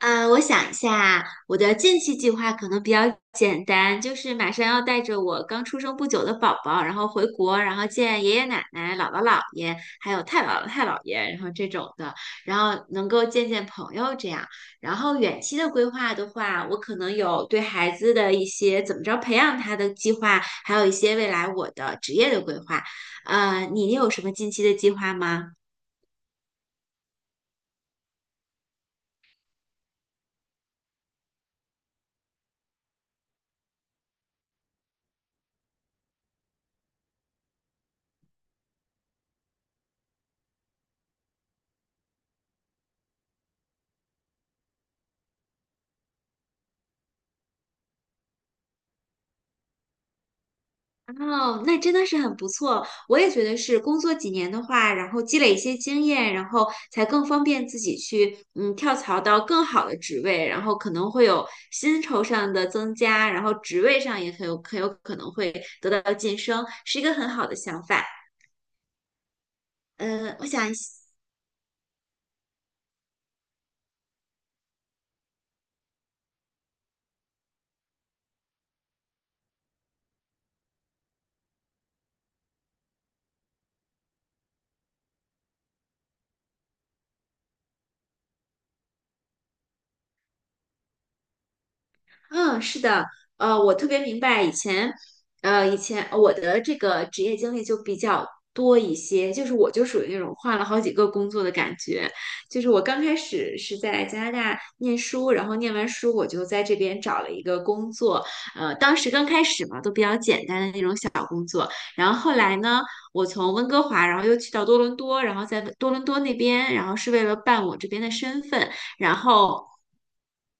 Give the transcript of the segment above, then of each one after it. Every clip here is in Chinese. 嗯，我想一下，我的近期计划可能比较简单，就是马上要带着我刚出生不久的宝宝，然后回国，然后见爷爷奶奶、姥姥姥爷，还有太姥姥太姥爷，然后这种的，然后能够见见朋友这样。然后远期的规划的话，我可能有对孩子的一些怎么着培养他的计划，还有一些未来我的职业的规划。你有什么近期的计划吗？哦，那真的是很不错。我也觉得是工作几年的话，然后积累一些经验，然后才更方便自己去跳槽到更好的职位，然后可能会有薪酬上的增加，然后职位上也很有可能会得到晋升，是一个很好的想法。呃，我想嗯，是的，我特别明白以前，以前我的这个职业经历就比较多一些，就是我就属于那种换了好几个工作的感觉，就是我刚开始是在加拿大念书，然后念完书我就在这边找了一个工作，当时刚开始嘛，都比较简单的那种小工作，然后后来呢，我从温哥华，然后又去到多伦多，然后在多伦多那边，然后是为了办我这边的身份。然后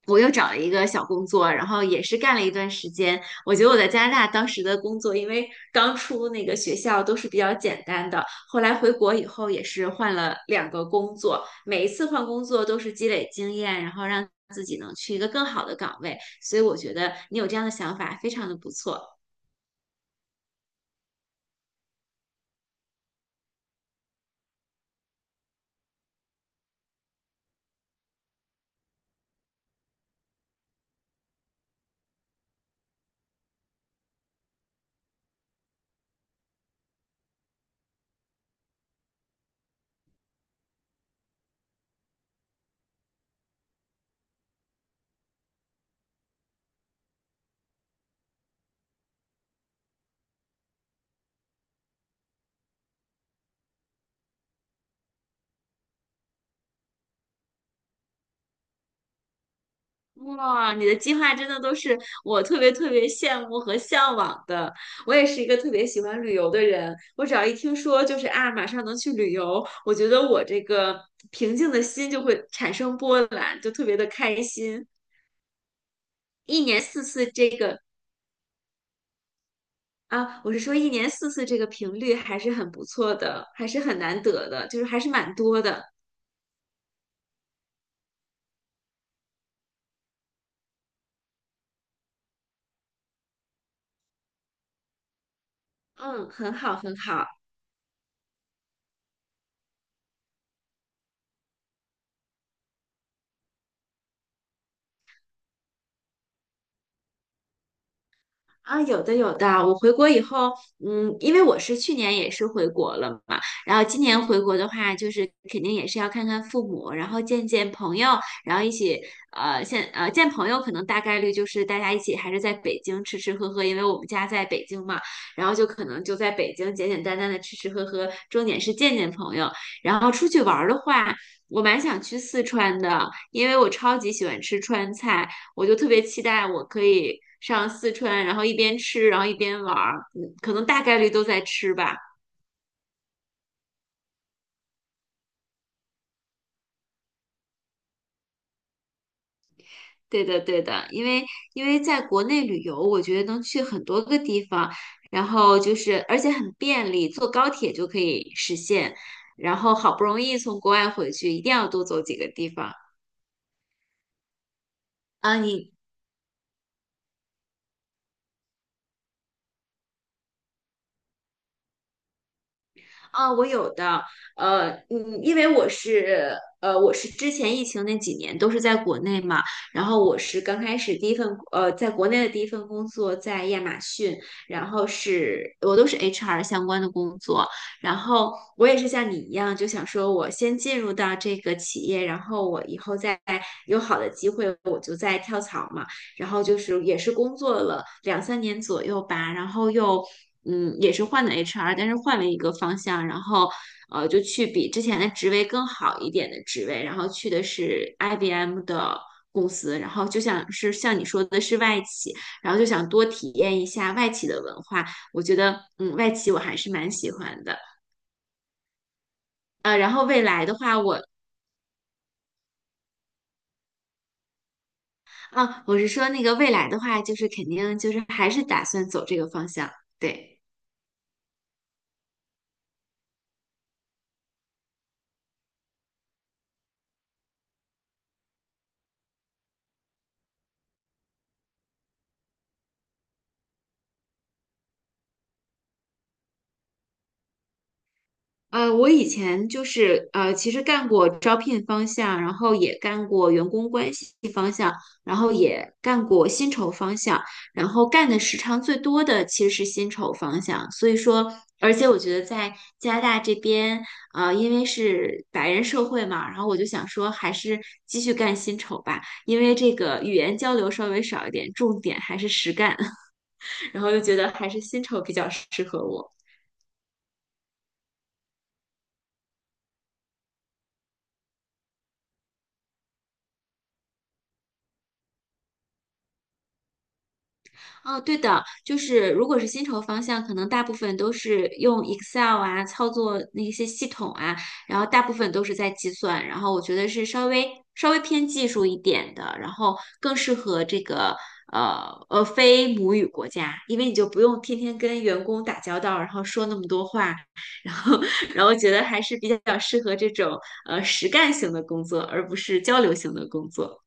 我又找了一个小工作，然后也是干了一段时间。我觉得我在加拿大当时的工作，因为刚出那个学校都是比较简单的，后来回国以后也是换了两个工作，每一次换工作都是积累经验，然后让自己能去一个更好的岗位。所以我觉得你有这样的想法，非常的不错。哇，你的计划真的都是我特别特别羡慕和向往的。我也是一个特别喜欢旅游的人，我只要一听说就是啊，马上能去旅游，我觉得我这个平静的心就会产生波澜，就特别的开心。一年四次这个啊，我是说一年四次这个频率还是很不错的，还是很难得的，就是还是蛮多的。嗯，很好，很好。啊，有的有的，我回国以后，嗯，因为我是去年也是回国了嘛，然后今年回国的话，就是肯定也是要看看父母，然后见见朋友，然后一起，见朋友可能大概率就是大家一起还是在北京吃吃喝喝，因为我们家在北京嘛，然后就可能就在北京简简单单的吃吃喝喝，重点是见见朋友，然后出去玩儿的话，我蛮想去四川的，因为我超级喜欢吃川菜。我就特别期待我可以上四川，然后一边吃，然后一边玩儿，嗯，可能大概率都在吃吧。对的，对的，因为在国内旅游，我觉得能去很多个地方，然后就是而且很便利，坐高铁就可以实现。然后好不容易从国外回去，一定要多走几个地方啊！啊，我有的，呃，嗯，因为我是，呃，我是之前疫情那几年都是在国内嘛，然后我是刚开始第一份，呃，在国内的第一份工作在亚马逊，然后是我都是 HR 相关的工作，然后我也是像你一样，就想说我先进入到这个企业，然后我以后再有好的机会，我就再跳槽嘛。然后就是也是工作了两三年左右吧，然后又也是换的 HR，但是换了一个方向，然后就去比之前的职位更好一点的职位，然后去的是 IBM 的公司，然后就想是像你说的是外企，然后就想多体验一下外企的文化，我觉得外企我还是蛮喜欢的。呃，然后未来的话我，啊，我是说那个未来的话，就是肯定就是还是打算走这个方向，对。我以前就是其实干过招聘方向，然后也干过员工关系方向，然后也干过薪酬方向，然后干的时长最多的其实是薪酬方向。所以说，而且我觉得在加拿大这边，因为是白人社会嘛，然后我就想说，还是继续干薪酬吧，因为这个语言交流稍微少一点，重点还是实干，然后又觉得还是薪酬比较适合我。哦，对的，就是如果是薪酬方向，可能大部分都是用 Excel 啊，操作那些系统啊，然后大部分都是在计算，然后我觉得是稍微偏技术一点的，然后更适合这个非母语国家，因为你就不用天天跟员工打交道，然后说那么多话，然后 然后觉得还是比较适合这种实干型的工作，而不是交流型的工作。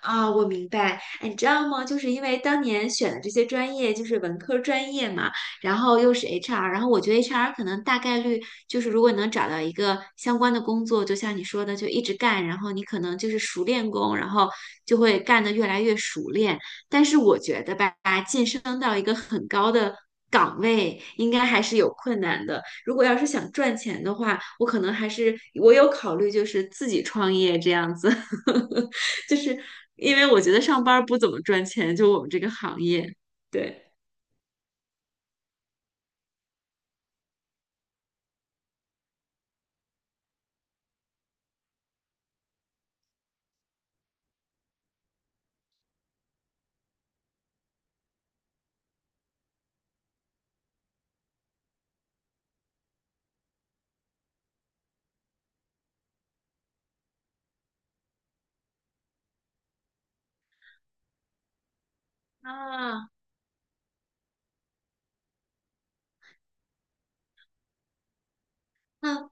啊，我明白。哎，你知道吗？就是因为当年选的这些专业就是文科专业嘛，然后又是 HR，然后我觉得 HR 可能大概率就是，如果你能找到一个相关的工作，就像你说的，就一直干，然后你可能就是熟练工，然后就会干得越来越熟练。但是我觉得吧，晋升到一个很高的岗位，应该还是有困难的。如果要是想赚钱的话，我可能还是我有考虑，就是自己创业这样子。就是因为我觉得上班儿不怎么赚钱，就我们这个行业，对。啊，那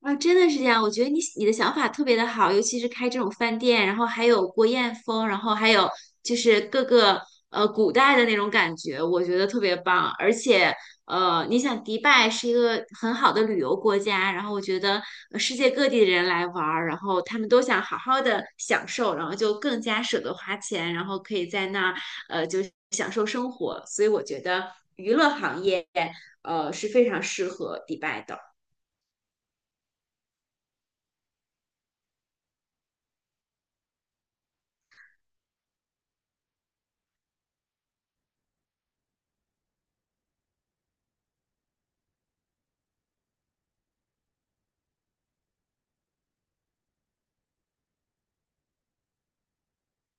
啊，真的是这样。我觉得你的想法特别的好，尤其是开这种饭店，然后还有国宴风，然后还有就是各个古代的那种感觉，我觉得特别棒。而且你想迪拜是一个很好的旅游国家，然后我觉得世界各地的人来玩儿，然后他们都想好好的享受，然后就更加舍得花钱，然后可以在那儿就享受生活。所以我觉得娱乐行业是非常适合迪拜的。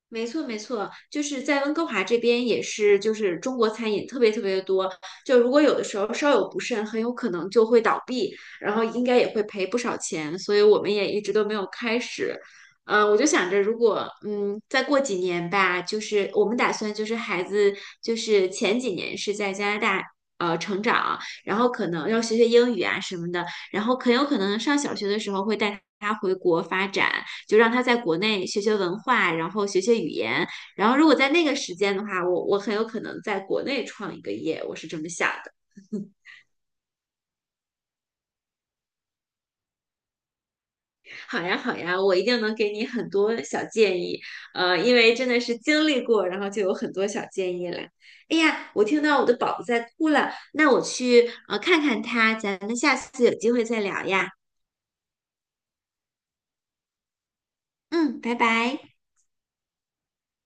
没错，没错，就是在温哥华这边也是，就是中国餐饮特别特别的多。就如果有的时候稍有不慎，很有可能就会倒闭，然后应该也会赔不少钱。所以我们也一直都没有开始。我就想着，如果再过几年吧，就是我们打算就是孩子就是前几年是在加拿大成长，然后可能要学学英语啊什么的，然后很有可能上小学的时候会带他回国发展。就让他在国内学学文化，然后学学语言。然后如果在那个时间的话，我很有可能在国内创一个业，我是这么想的。好呀，好呀，我一定能给你很多小建议，因为真的是经历过，然后就有很多小建议了。哎呀，我听到我的宝宝在哭了，那我去看看他，咱们下次有机会再聊呀。嗯，拜拜。